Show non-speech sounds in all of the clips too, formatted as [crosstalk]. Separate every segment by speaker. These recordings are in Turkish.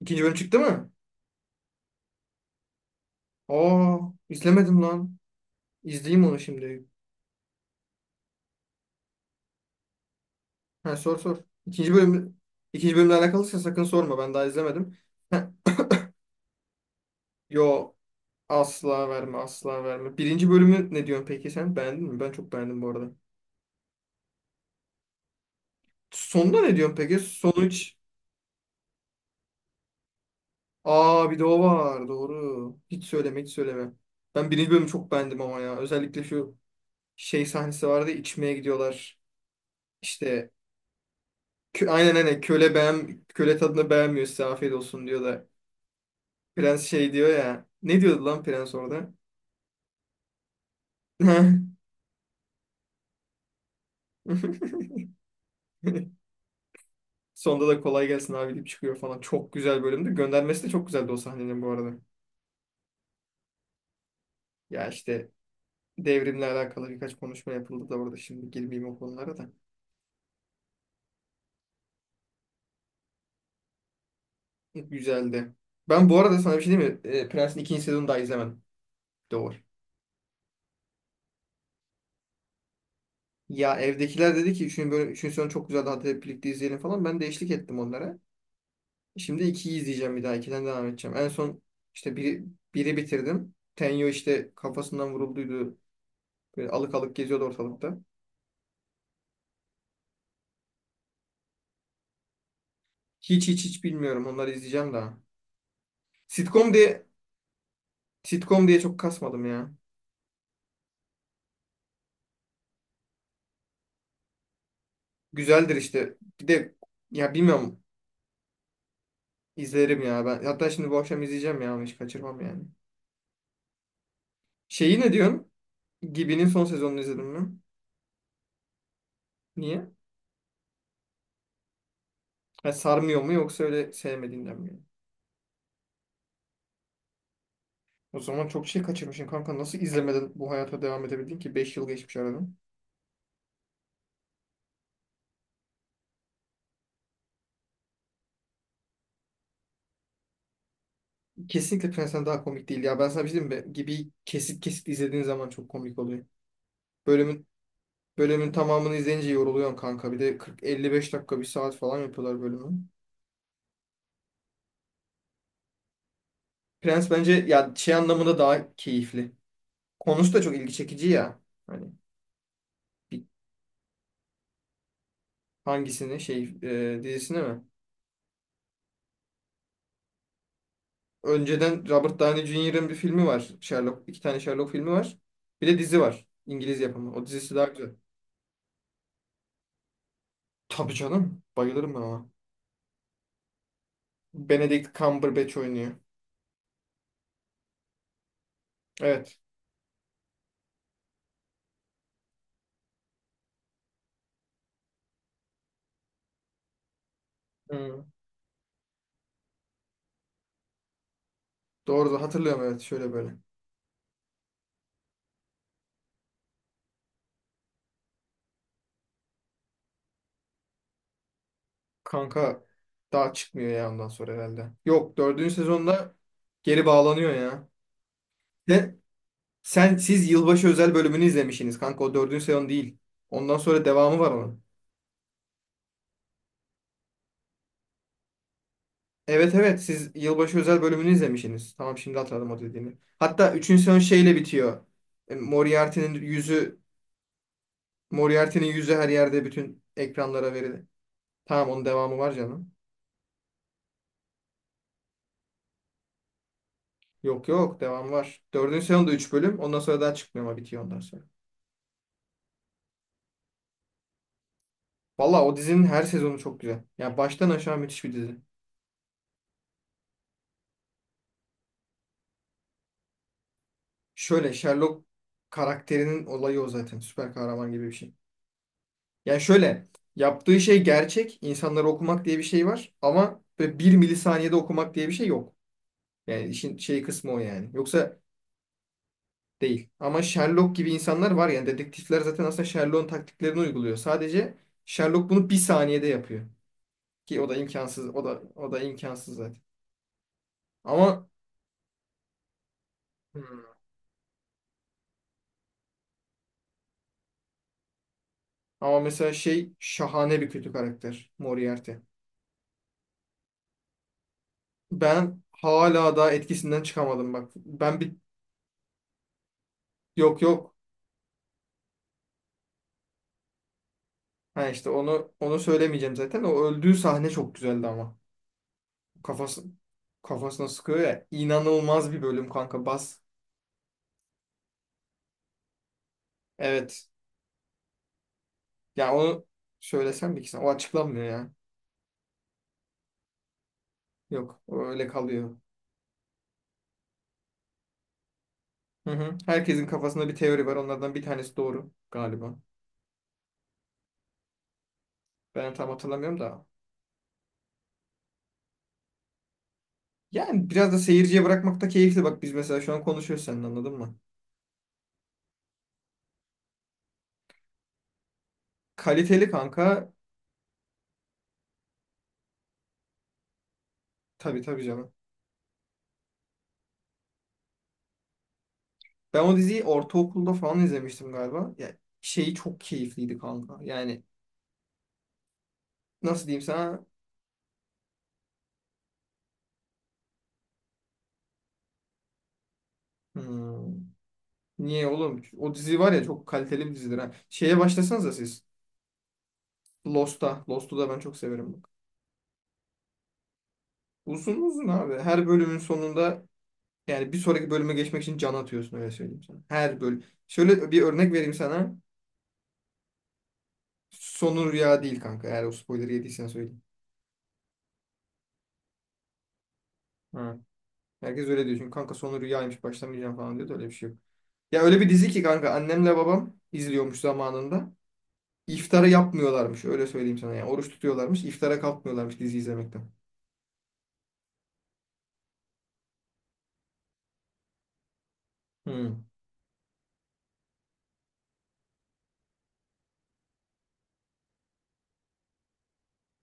Speaker 1: İkinci bölüm çıktı mı? Aa, izlemedim lan. İzleyeyim onu şimdi. Ha, sor sor. İkinci bölüm ikinci bölümle alakalıysa sakın sorma. Ben daha izlemedim. Heh, yo, asla verme, asla verme. Birinci bölümü ne diyorsun peki sen? Beğendin mi? Ben çok beğendim bu arada. Sonunda ne diyorsun peki? Sonuç. Aa, bir de o var. Doğru. Hiç söyleme, hiç söyleme. Ben birinci bölümü çok beğendim ama ya. Özellikle şu şey sahnesi vardı. Ya, içmeye gidiyorlar. İşte aynen aynen, köle beğen, köle tadını beğenmiyor, size afiyet olsun diyor da, Prens şey diyor ya. Ne diyordu lan prens orada? [laughs] Sonda da kolay gelsin abi deyip çıkıyor falan. Çok güzel bölümdü. Göndermesi de çok güzeldi o sahnenin bu arada. Ya işte, devrimle alakalı birkaç konuşma yapıldı da orada. Şimdi girmeyeyim o konulara da. Güzeldi. Ben bu arada sana bir şey diyeyim mi? E, Prens'in ikinci sezonunu daha izlemedim. Doğru. Ya evdekiler dedi ki 3. bölüm, üçüncü sezon çok güzeldi, hadi hep birlikte izleyelim falan. Ben de eşlik ettim onlara. Şimdi ikiyi izleyeceğim bir daha. İkiden devam edeceğim. En son işte biri bitirdim. Tenyo işte kafasından vurulduydu. Böyle alık alık geziyordu ortalıkta. Hiç hiç hiç bilmiyorum. Onları izleyeceğim daha. Sitcom diye sitcom diye çok kasmadım ya. Güzeldir işte. Bir de ya bilmiyorum, izlerim ya ben. Hatta şimdi bu akşam izleyeceğim ya. Onu hiç kaçırmam yani. Şeyi ne diyorsun? Gibi'nin son sezonunu izledin mi? Niye? Ha, sarmıyor mu yoksa öyle sevmediğinden mi? O zaman çok şey kaçırmışsın kanka. Nasıl izlemeden bu hayata devam edebildin ki? 5 yıl geçmiş aradan. Kesinlikle Prens'ten daha komik değil ya. Ben sana bir şey diyeyim mi? Gibi kesit kesit izlediğin zaman çok komik oluyor. Bölümün bölümün tamamını izleyince yoruluyorsun kanka. Bir de 40-55 dakika, bir saat falan yapıyorlar bölümü. Prens bence ya şey anlamında daha keyifli. Konusu da çok ilgi çekici ya. Hani bir- hangisini, şey, dizisini mi? Önceden Robert Downey Jr.'ın bir filmi var. Sherlock, iki tane Sherlock filmi var. Bir de dizi var. İngiliz yapımı. O dizisi daha güzel. Tabii canım. Bayılırım ben ona. Benedict Cumberbatch oynuyor. Evet. Hı. Doğru, da hatırlıyorum, evet, şöyle böyle. Kanka daha çıkmıyor ya ondan sonra herhalde. Yok, dördüncü sezonda geri bağlanıyor ya. De, sen, siz yılbaşı özel bölümünü izlemişsiniz kanka, o dördüncü sezon değil. Ondan sonra devamı var onun. Evet, evet, siz yılbaşı özel bölümünü izlemişsiniz. Tamam, şimdi hatırladım o dediğini. Hatta üçüncü sezon şeyle bitiyor. E, Moriarty'nin yüzü her yerde bütün ekranlara verilir. Tamam, onun devamı var canım. Yok yok, devamı var. Dördüncü sezon da 3 bölüm. Ondan sonra daha çıkmıyor ama bitiyor ondan sonra. Valla o dizinin her sezonu çok güzel. Yani baştan aşağı müthiş bir dizi. Şöyle, Sherlock karakterinin olayı o zaten. Süper kahraman gibi bir şey. Yani şöyle, yaptığı şey gerçek. İnsanları okumak diye bir şey var. Ama böyle bir milisaniyede okumak diye bir şey yok. Yani işin şey kısmı o yani. Yoksa değil. Ama Sherlock gibi insanlar var yani. Dedektifler zaten aslında Sherlock'un taktiklerini uyguluyor. Sadece Sherlock bunu bir saniyede yapıyor. Ki o da imkansız. O da imkansız zaten. Ama hmm, ama mesela şey, şahane bir kötü karakter Moriarty. Ben hala daha etkisinden çıkamadım bak. Ben bir, yok yok. Ha, işte onu söylemeyeceğim zaten. O öldüğü sahne çok güzeldi ama. Kafası kafasına sıkıyor ya. İnanılmaz bir bölüm kanka bas. Evet. Ya onu söylesem bir kişisine. O açıklanmıyor ya. Yok. O öyle kalıyor. Hı hı. Herkesin kafasında bir teori var. Onlardan bir tanesi doğru galiba. Ben tam hatırlamıyorum da, yani biraz da seyirciye bırakmak da keyifli. Bak, biz mesela şu an konuşuyoruz seninle, anladın mı? Kaliteli kanka. Tabii, tabii canım. Ben o diziyi ortaokulda falan izlemiştim galiba. Ya şeyi çok keyifliydi kanka. Yani nasıl diyeyim sana? Hmm, niye oğlum? O dizi var ya, çok kaliteli bir dizidir ha. Şeye başlasanıza siz. Lost'a. Lost'u da ben çok severim bak. Uzun uzun abi. Her bölümün sonunda, yani bir sonraki bölüme geçmek için can atıyorsun, öyle söyleyeyim sana. Her bölüm. Şöyle bir örnek vereyim sana. Sonu rüya değil kanka. Eğer o spoiler'ı yediysen söyleyeyim. Hı. Herkes öyle diyor. Çünkü kanka, sonu rüyaymış, başlamayacağım falan diyor da öyle bir şey yok. Ya öyle bir dizi ki kanka, annemle babam izliyormuş zamanında. İftara yapmıyorlarmış, öyle söyleyeyim sana. Yani oruç tutuyorlarmış, iftara kalkmıyorlarmış dizi izlemekten. Hı.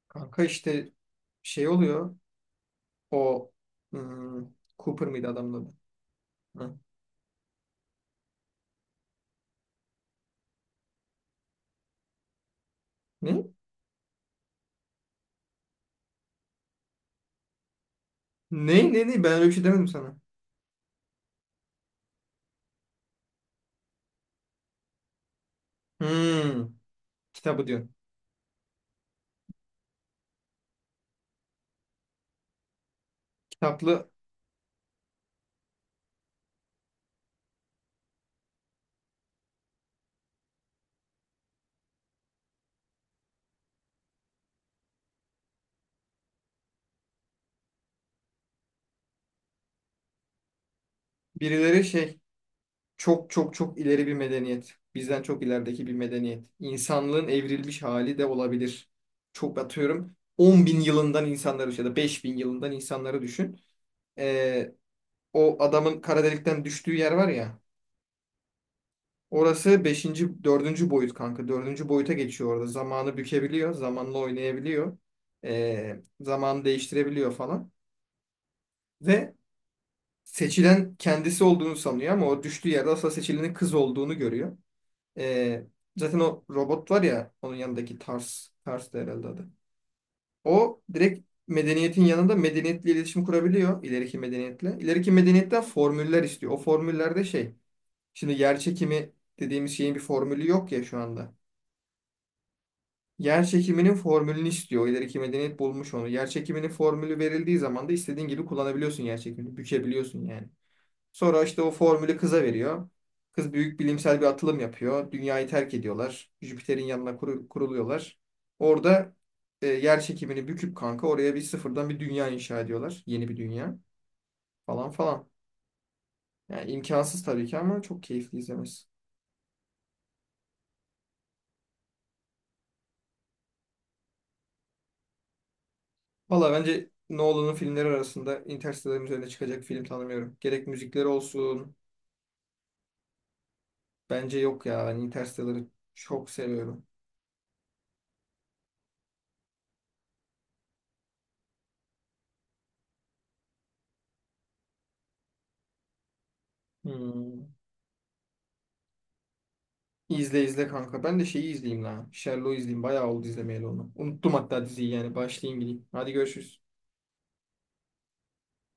Speaker 1: Kanka işte şey oluyor, o, hmm, Cooper mıydı adamın adı? Hı. Ne? Ne ne ne, ben öyle bir şey demedim sana. Hmm, Kitabı diyor. Kitaplı, birileri şey, çok çok çok ileri bir medeniyet. Bizden çok ilerideki bir medeniyet. İnsanlığın evrilmiş hali de olabilir. Çok atıyorum, 10 bin yılından insanları ya da 5 bin yılından insanları düşün. Ee, O adamın kara delikten düştüğü yer var ya. Orası beşinci, dördüncü boyut kanka. Dördüncü boyuta geçiyor orada. Zamanı bükebiliyor. Zamanla oynayabiliyor. Zamanı değiştirebiliyor falan. Ve seçilen kendisi olduğunu sanıyor ama o düştüğü yerde asla seçilenin kız olduğunu görüyor. Ee, Zaten o robot var ya onun yanındaki, Tars. Tars da herhalde adı. O direkt medeniyetin yanında, medeniyetle iletişim kurabiliyor. İleriki medeniyetle. İleriki medeniyetten formüller istiyor. O formüllerde şey. Şimdi yer çekimi dediğimiz şeyin bir formülü yok ya şu anda. Yer çekiminin formülünü istiyor. O ileriki medeniyet bulmuş onu. Yer çekiminin formülü verildiği zaman da istediğin gibi kullanabiliyorsun yer çekimini. Bükebiliyorsun yani. Sonra işte o formülü kıza veriyor. Kız büyük bilimsel bir atılım yapıyor. Dünyayı terk ediyorlar. Jüpiter'in yanına kuruluyorlar. Orada, yer çekimini büküp kanka, oraya bir sıfırdan bir dünya inşa ediyorlar. Yeni bir dünya, falan falan. Yani imkansız tabii ki ama çok keyifli izlemesi. Valla bence Nolan'ın filmleri arasında Interstellar'ın üzerine çıkacak film tanımıyorum. Gerek müzikleri olsun. Bence yok ya. Ben Interstellar'ı çok seviyorum. Hmm. İzle izle kanka. Ben de şeyi izleyeyim la. Sherlock'u izleyeyim. Bayağı oldu izlemeyeli onu. Unuttum hatta diziyi yani. Başlayayım gideyim. Hadi görüşürüz.